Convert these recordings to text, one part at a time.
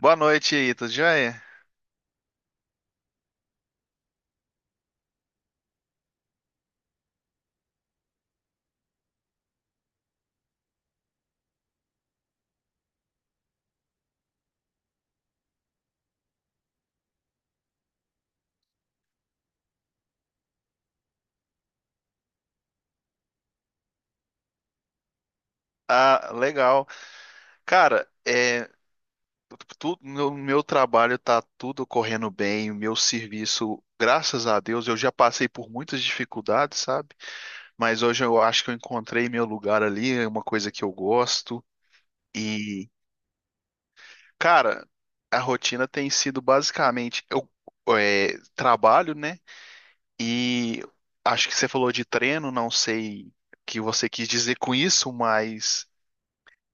Boa noite aí, tudo jóia? Ah, legal. Cara, tudo, meu trabalho tá tudo correndo bem, o meu serviço, graças a Deus, eu já passei por muitas dificuldades, sabe? Mas hoje eu acho que eu encontrei meu lugar ali, é uma coisa que eu gosto. E, cara, a rotina tem sido basicamente, trabalho, né? E acho que você falou de treino, não sei o que você quis dizer com isso, mas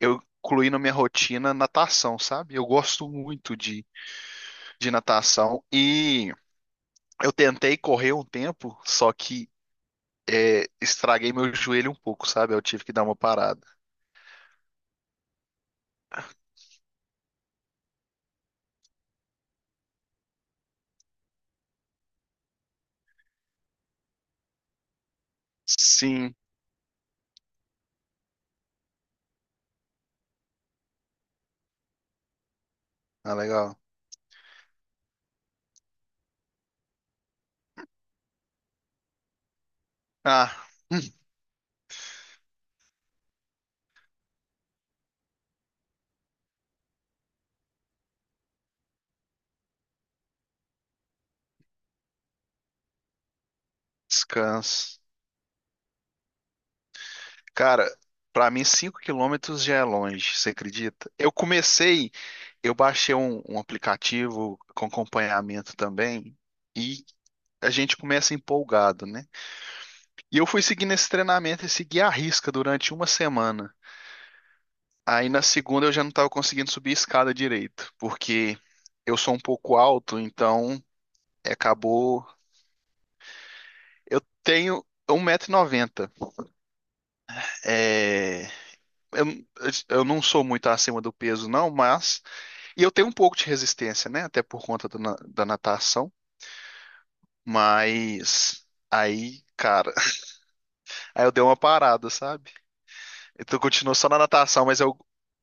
eu incluí na minha rotina natação, sabe? Eu gosto muito de natação e eu tentei correr um tempo, só que estraguei meu joelho um pouco, sabe? Eu tive que dar uma parada. Sim, ah, legal. Ah, descanso. Cara, pra mim 5 km já é longe, você acredita? Eu comecei, eu baixei um aplicativo com acompanhamento também e a gente começa empolgado, né? E eu fui seguindo esse treinamento e segui à risca durante uma semana. Aí na segunda eu já não estava conseguindo subir a escada direito, porque eu sou um pouco alto, então acabou. Eu tenho um 1,90 m. É, eu, eu não sou muito acima do peso, não, mas. E eu tenho um pouco de resistência, né? Até por conta do da natação. Mas aí, cara, aí eu dei uma parada, sabe? Então continuou só na natação, mas eu.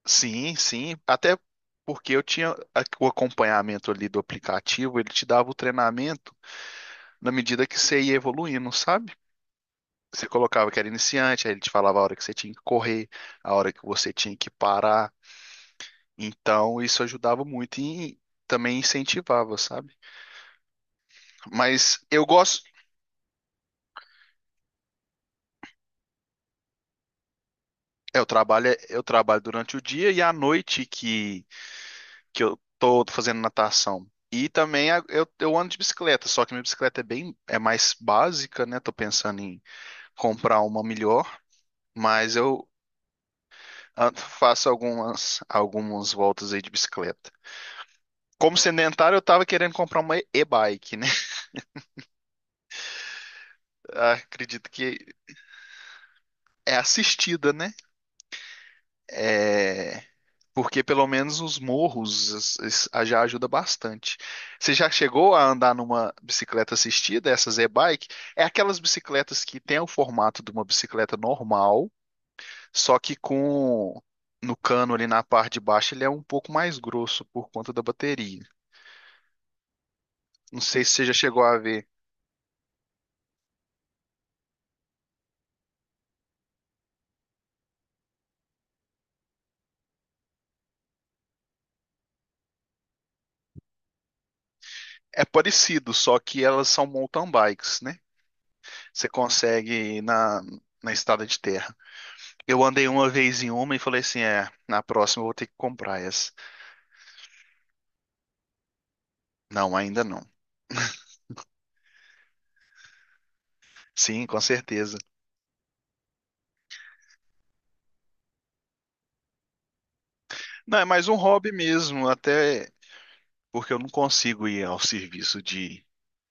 Sim, sim. Até porque eu tinha o acompanhamento ali do aplicativo, ele te dava o treinamento na medida que você ia evoluindo, sabe? Você colocava que era iniciante, aí ele te falava a hora que você tinha que correr, a hora que você tinha que parar. Então, isso ajudava muito e também incentivava, sabe? Mas eu gosto. Eu trabalho, eu trabalho durante o dia e à noite que eu tô fazendo natação. E também eu ando de bicicleta, só que minha bicicleta é bem, é mais básica, né? Tô pensando em comprar uma melhor, mas eu ah, faço algumas, algumas voltas aí de bicicleta. Como sedentário, eu tava querendo comprar uma e-bike, né? Acredito que é assistida, né? É. Porque pelo menos os morros já ajuda bastante. Você já chegou a andar numa bicicleta assistida, essas e-bike? É aquelas bicicletas que tem o formato de uma bicicleta normal, só que com no cano ali na parte de baixo ele é um pouco mais grosso por conta da bateria. Não sei se você já chegou a ver. É parecido, só que elas são mountain bikes, né? Você consegue ir na estrada de terra. Eu andei uma vez em uma e falei assim, na próxima eu vou ter que comprar essa. Não, ainda não. Sim, com certeza. Não, é mais um hobby mesmo, até porque eu não consigo ir ao serviço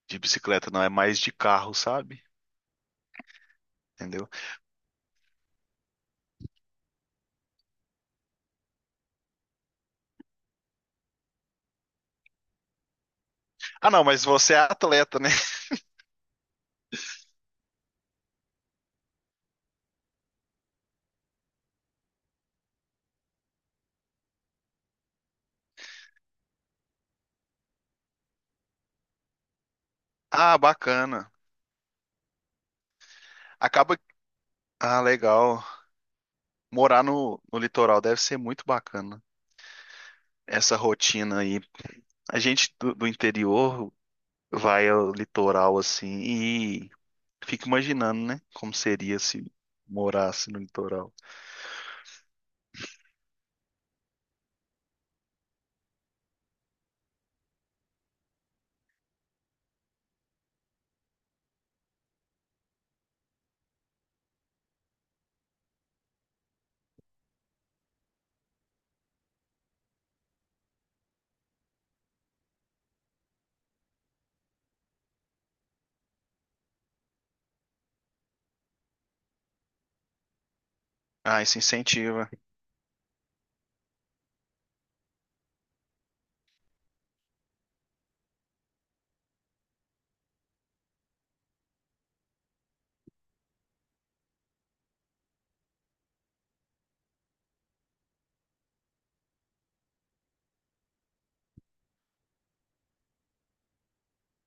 de bicicleta, não. É mais de carro, sabe? Entendeu? Ah, não, mas você é atleta, né? Ah, bacana. Acaba. Ah, legal. Morar no, no litoral deve ser muito bacana. Essa rotina aí. A gente do, do interior vai ao litoral assim e fica imaginando, né? Como seria se morasse no litoral. Ah, isso incentiva.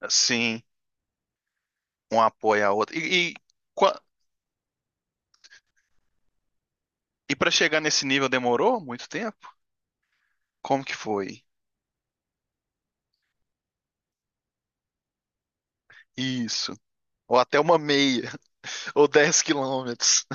Sim. Um apoia a outra. E, para chegar nesse nível demorou muito tempo? Como que foi? Isso. Ou até uma meia, ou 10 km.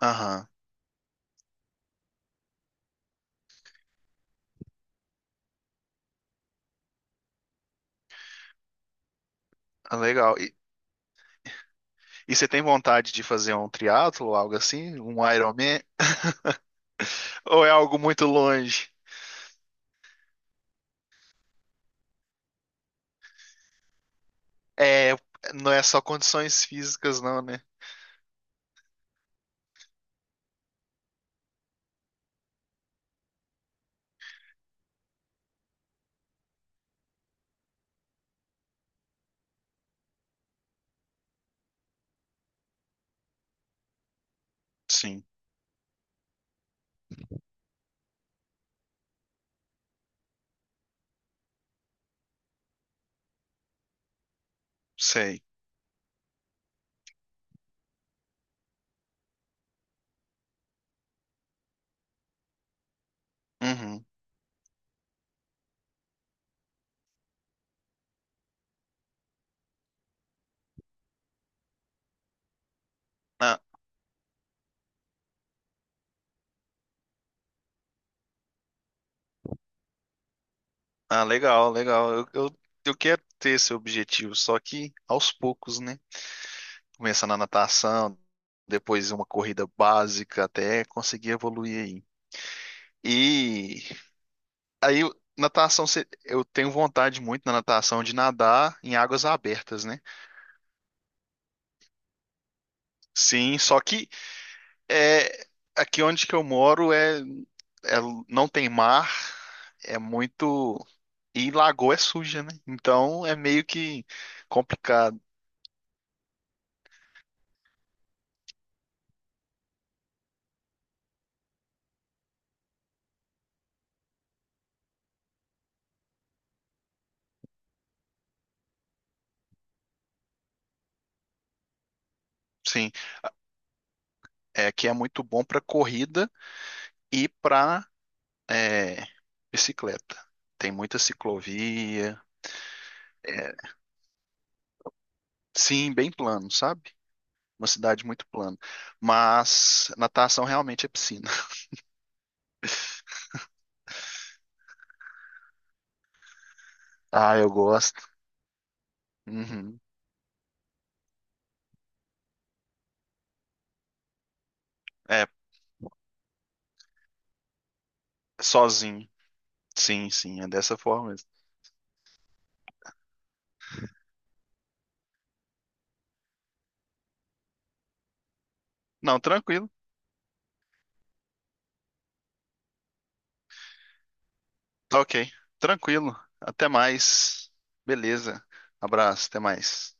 Aham, ah, legal. E você tem vontade de fazer um triatlo, algo assim? Um Ironman? Ou é algo muito longe? É, não é só condições físicas, não, né? Sim, sei. Uhum. Ah, ah, legal, legal. Eu quero ter esse objetivo, só que aos poucos, né? Começar na natação, depois uma corrida básica até conseguir evoluir aí. E aí natação, eu tenho vontade muito na natação de nadar em águas abertas, né? Sim, só que é aqui onde que eu moro é- não tem mar, é muito e lagoa é suja, né? Então é meio que complicado. Sim, é que é muito bom para corrida e para É, bicicleta. Tem muita ciclovia. é, sim, bem plano, sabe? Uma cidade muito plana. Mas natação realmente é piscina. Ah, eu gosto. Uhum. É, sozinho. Sim, sim, é dessa forma mesmo. Não, tranquilo. Tá ok. Tranquilo. Até mais. Beleza. Abraço, até mais.